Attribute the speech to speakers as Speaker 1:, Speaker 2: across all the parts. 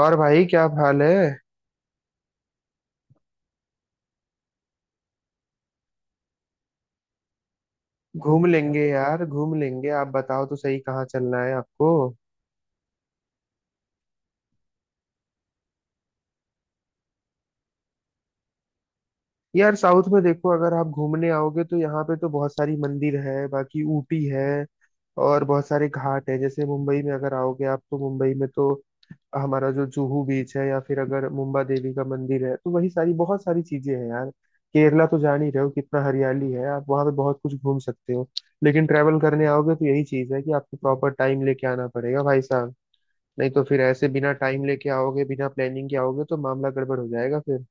Speaker 1: और भाई क्या हाल है। घूम लेंगे यार, घूम लेंगे। आप बताओ तो सही कहाँ चलना है आपको। यार साउथ में देखो, अगर आप घूमने आओगे तो यहाँ पे तो बहुत सारी मंदिर है, बाकी ऊटी है और बहुत सारे घाट है। जैसे मुंबई में अगर आओगे आप तो मुंबई में तो हमारा जो जुहू बीच है, या फिर अगर मुंबा देवी का मंदिर है तो वही सारी बहुत सारी चीजें हैं यार। केरला तो जान ही रहे हो कितना हरियाली है, आप वहां पे बहुत कुछ घूम सकते हो। लेकिन ट्रैवल करने आओगे तो यही चीज है कि आपको प्रॉपर टाइम लेके आना पड़ेगा भाई साहब। नहीं तो फिर ऐसे बिना टाइम लेके आओगे, बिना प्लानिंग के आओगे तो मामला गड़बड़ हो जाएगा फिर।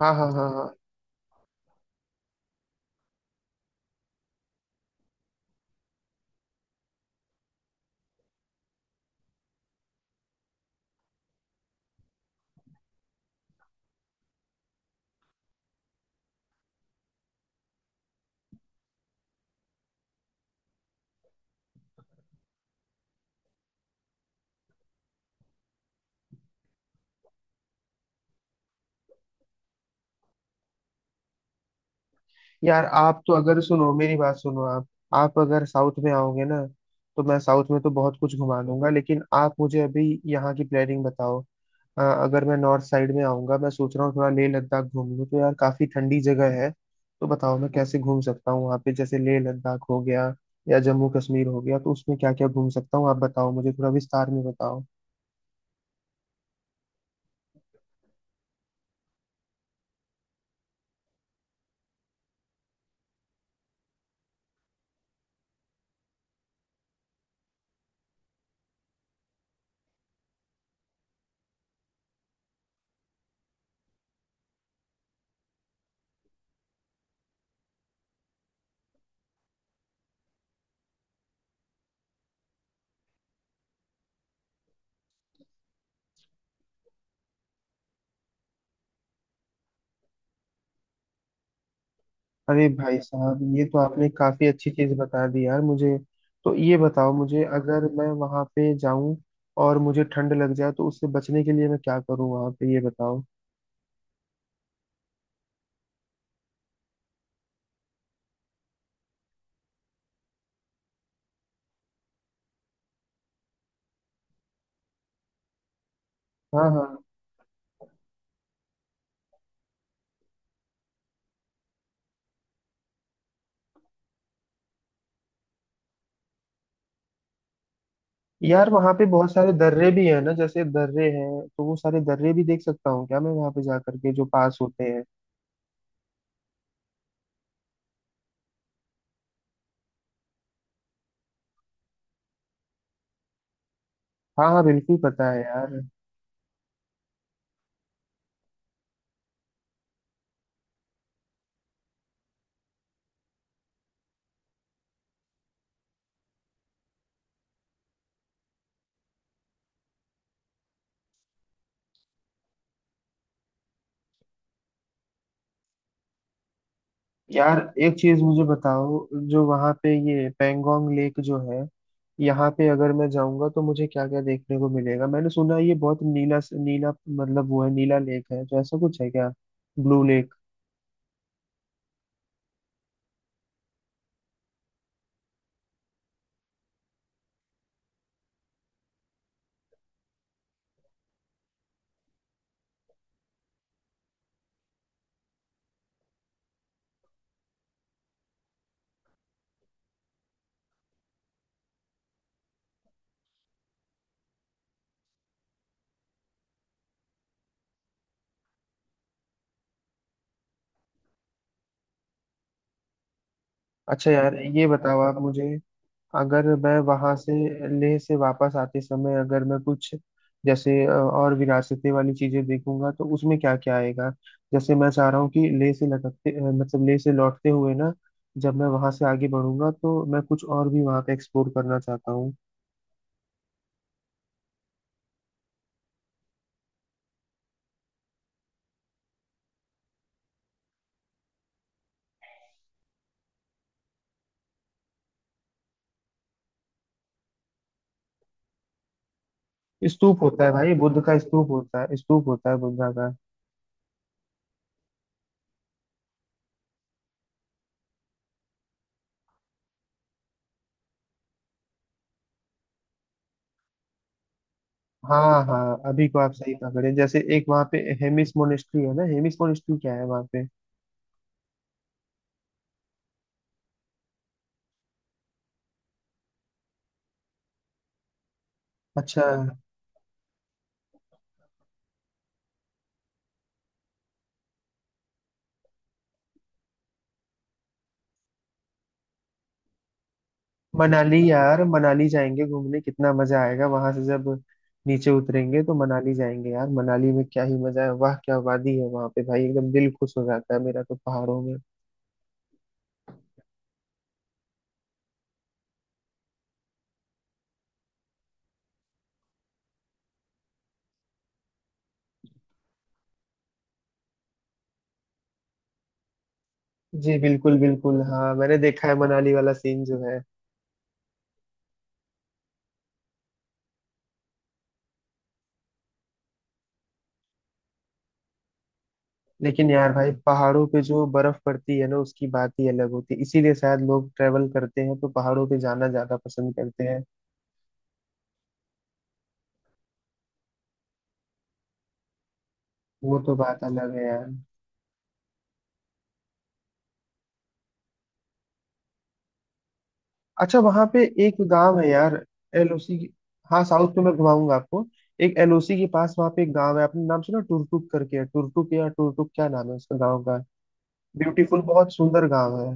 Speaker 1: हाँ हाँ हाँ हाँ। यार आप तो, अगर सुनो मेरी बात सुनो आप। आप अगर साउथ में आओगे ना, तो मैं साउथ में तो बहुत कुछ घुमा दूंगा, लेकिन आप मुझे अभी यहाँ की प्लानिंग बताओ। अगर मैं नॉर्थ साइड में आऊंगा, मैं सोच रहा हूँ थोड़ा लेह लद्दाख घूम लूँ तो यार काफी ठंडी जगह है। तो बताओ मैं कैसे घूम सकता हूँ वहाँ पे, जैसे लेह लद्दाख हो गया या जम्मू कश्मीर हो गया तो उसमें क्या क्या घूम सकता हूँ, आप बताओ मुझे थोड़ा विस्तार में बताओ। अरे भाई साहब, ये तो आपने काफी अच्छी चीज बता दी यार मुझे। तो ये बताओ मुझे, अगर मैं वहां पे जाऊं और मुझे ठंड लग जाए तो उससे बचने के लिए मैं क्या करूं वहां पे, ये बताओ। हाँ हाँ। यार वहां पे बहुत सारे दर्रे भी हैं ना, जैसे दर्रे हैं, तो वो सारे दर्रे भी देख सकता हूँ क्या मैं वहां पे जा करके, जो पास होते हैं। हाँ हाँ बिल्कुल पता है यार। यार एक चीज मुझे बताओ, जो वहां पे ये पेंगोंग लेक जो है, यहाँ पे अगर मैं जाऊंगा तो मुझे क्या क्या देखने को मिलेगा। मैंने सुना है ये बहुत नीला नीला, मतलब वो है नीला लेक है तो ऐसा कुछ है क्या, ब्लू लेक। अच्छा यार, ये बताओ आप मुझे, अगर मैं वहां से, लेह से वापस आते समय अगर मैं कुछ, जैसे और विरासतें वाली चीजें देखूंगा तो उसमें क्या क्या आएगा। जैसे मैं चाह रहा हूँ कि लेह से लटकते, मतलब लेह से लौटते हुए ना, जब मैं वहां से आगे बढ़ूंगा तो मैं कुछ और भी वहां पे एक्सप्लोर करना चाहता हूँ। स्तूप होता है भाई, बुद्ध का स्तूप होता है, स्तूप होता है बुद्धा का। हाँ हाँ, अभी को आप सही पकड़े, जैसे एक वहाँ पे हेमिस मोनेस्ट्री है ना, हेमिस मोनेस्ट्री क्या है वहाँ पे। अच्छा। मनाली, यार मनाली जाएंगे घूमने, कितना मजा आएगा वहां से जब नीचे उतरेंगे तो मनाली जाएंगे यार। मनाली में क्या ही मजा है, वाह क्या वादी है वहां पे भाई, एकदम दिल खुश हो जाता है मेरा तो पहाड़ों में। जी बिल्कुल बिल्कुल, हाँ मैंने देखा है मनाली वाला सीन जो है। लेकिन यार भाई, पहाड़ों पे जो बर्फ पड़ती है ना, उसकी बात ही अलग होती है, इसीलिए शायद लोग ट्रेवल करते हैं तो पहाड़ों पे जाना ज्यादा पसंद करते हैं। वो तो बात अलग है यार। अच्छा वहां पे एक गांव है यार, एलओसी। हाँ, साउथ में मैं घुमाऊंगा आपको। एक एलओसी के पास वहां पे एक गांव है, आपने नाम सुना टुरटुक करके है, टुरटुक या टुरटुक क्या नाम है उसका गांव का। ब्यूटीफुल, बहुत सुंदर गांव है।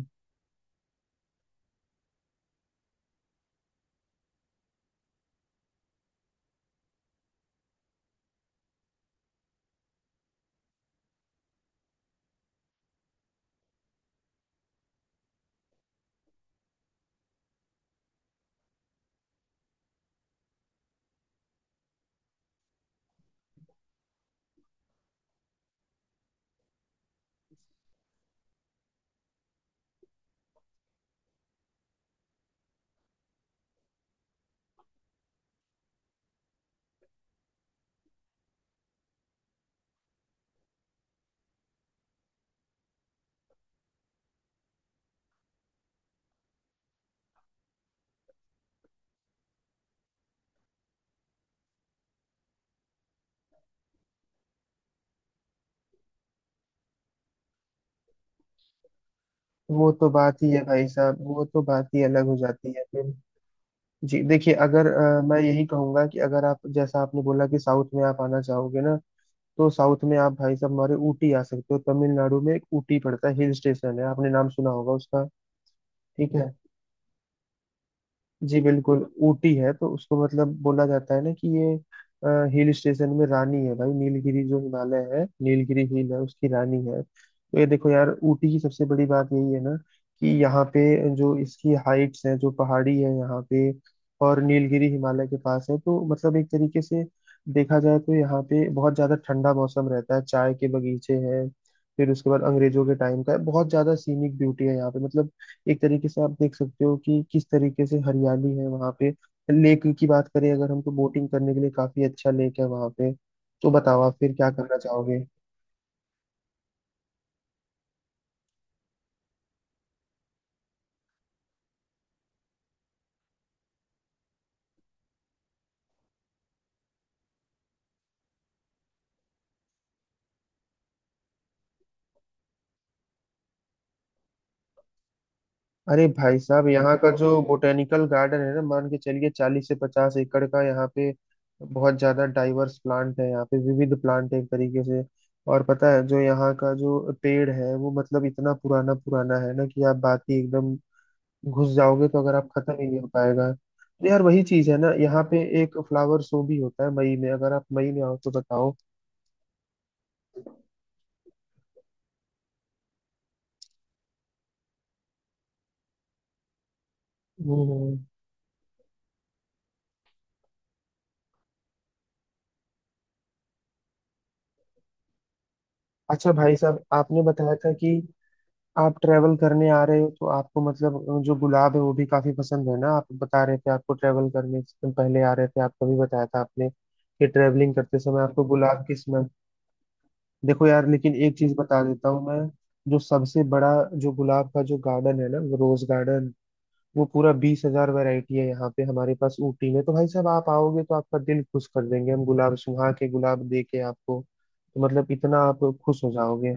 Speaker 1: वो तो बात ही है भाई साहब, वो तो बात ही अलग हो जाती है फिर। जी देखिए, अगर मैं यही कहूंगा कि अगर आप, जैसा आपने बोला कि साउथ में आप आना चाहोगे ना, तो साउथ में आप भाई साहब हमारे ऊटी आ सकते हो। तमिलनाडु में एक ऊटी पड़ता है, हिल स्टेशन है, आपने नाम सुना होगा उसका। ठीक है। जी बिल्कुल। ऊटी है तो उसको मतलब बोला जाता है ना कि ये हिल स्टेशन में रानी है भाई, नीलगिरी जो हिमालय है, नीलगिरी हिल है उसकी रानी है। तो ये देखो यार, ऊटी की सबसे बड़ी बात यही है ना कि यहाँ पे जो इसकी हाइट्स है, जो पहाड़ी है यहाँ पे, और नीलगिरी हिमालय के पास है, तो मतलब एक तरीके से देखा जाए तो यहाँ पे बहुत ज्यादा ठंडा मौसम रहता है, चाय के बगीचे हैं। फिर उसके बाद अंग्रेजों के टाइम का है, बहुत ज्यादा सीनिक ब्यूटी है यहाँ पे, मतलब एक तरीके से आप देख सकते हो कि किस तरीके से हरियाली है वहाँ पे। लेक की बात करें अगर हम, तो बोटिंग करने के लिए काफी अच्छा लेक है वहाँ पे। तो बताओ आप फिर क्या करना चाहोगे। अरे भाई साहब, यहाँ का जो बोटेनिकल गार्डन है ना, मान के चलिए 40 से 50 एकड़ का यहाँ पे। बहुत ज्यादा डाइवर्स प्लांट है यहाँ पे, विविध प्लांट है एक तरीके से। और पता है जो यहाँ का जो पेड़ है, वो मतलब इतना पुराना पुराना है ना कि आप बात ही, एकदम घुस जाओगे तो अगर आप, खत्म ही नहीं हो पाएगा। तो यार वही चीज है ना, यहाँ पे एक फ्लावर शो भी होता है मई में, अगर आप मई में आओ तो बताओ। हम्म। अच्छा भाई साहब, आपने बताया था कि आप ट्रेवल करने आ रहे हो, तो आपको मतलब जो गुलाब है वो भी काफी पसंद है ना, आप बता रहे थे। आपको ट्रेवल करने से, तुम पहले आ रहे थे, आपको भी बताया था आपने कि ट्रेवलिंग करते समय आपको गुलाब की स्मेल। देखो यार, लेकिन एक चीज बता देता हूँ मैं, जो सबसे बड़ा जो गुलाब का जो गार्डन है ना, वो रोज गार्डन, वो पूरा 20,000 वेराइटी है यहाँ पे हमारे पास ऊटी में। तो भाई साहब आप आओगे तो आपका दिल खुश कर देंगे हम, गुलाब सुहा के गुलाब दे के आपको। तो मतलब इतना आप खुश हो जाओगे।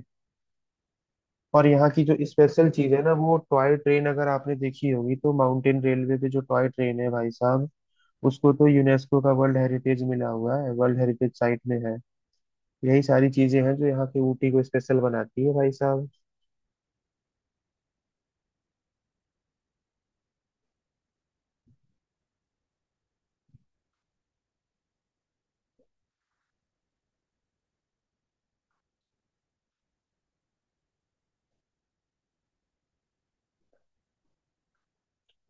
Speaker 1: और यहाँ की जो स्पेशल चीज है ना, वो टॉय ट्रेन, अगर आपने देखी होगी तो, माउंटेन रेलवे पे जो टॉय ट्रेन है भाई साहब, उसको तो यूनेस्को का वर्ल्ड हेरिटेज मिला हुआ है, वर्ल्ड हेरिटेज साइट में है। यही सारी चीजें हैं जो यहाँ के ऊटी को स्पेशल बनाती है भाई साहब।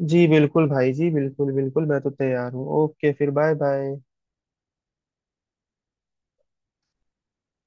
Speaker 1: जी बिल्कुल भाई, जी बिल्कुल बिल्कुल, मैं तो तैयार हूँ। ओके फिर, बाय बाय।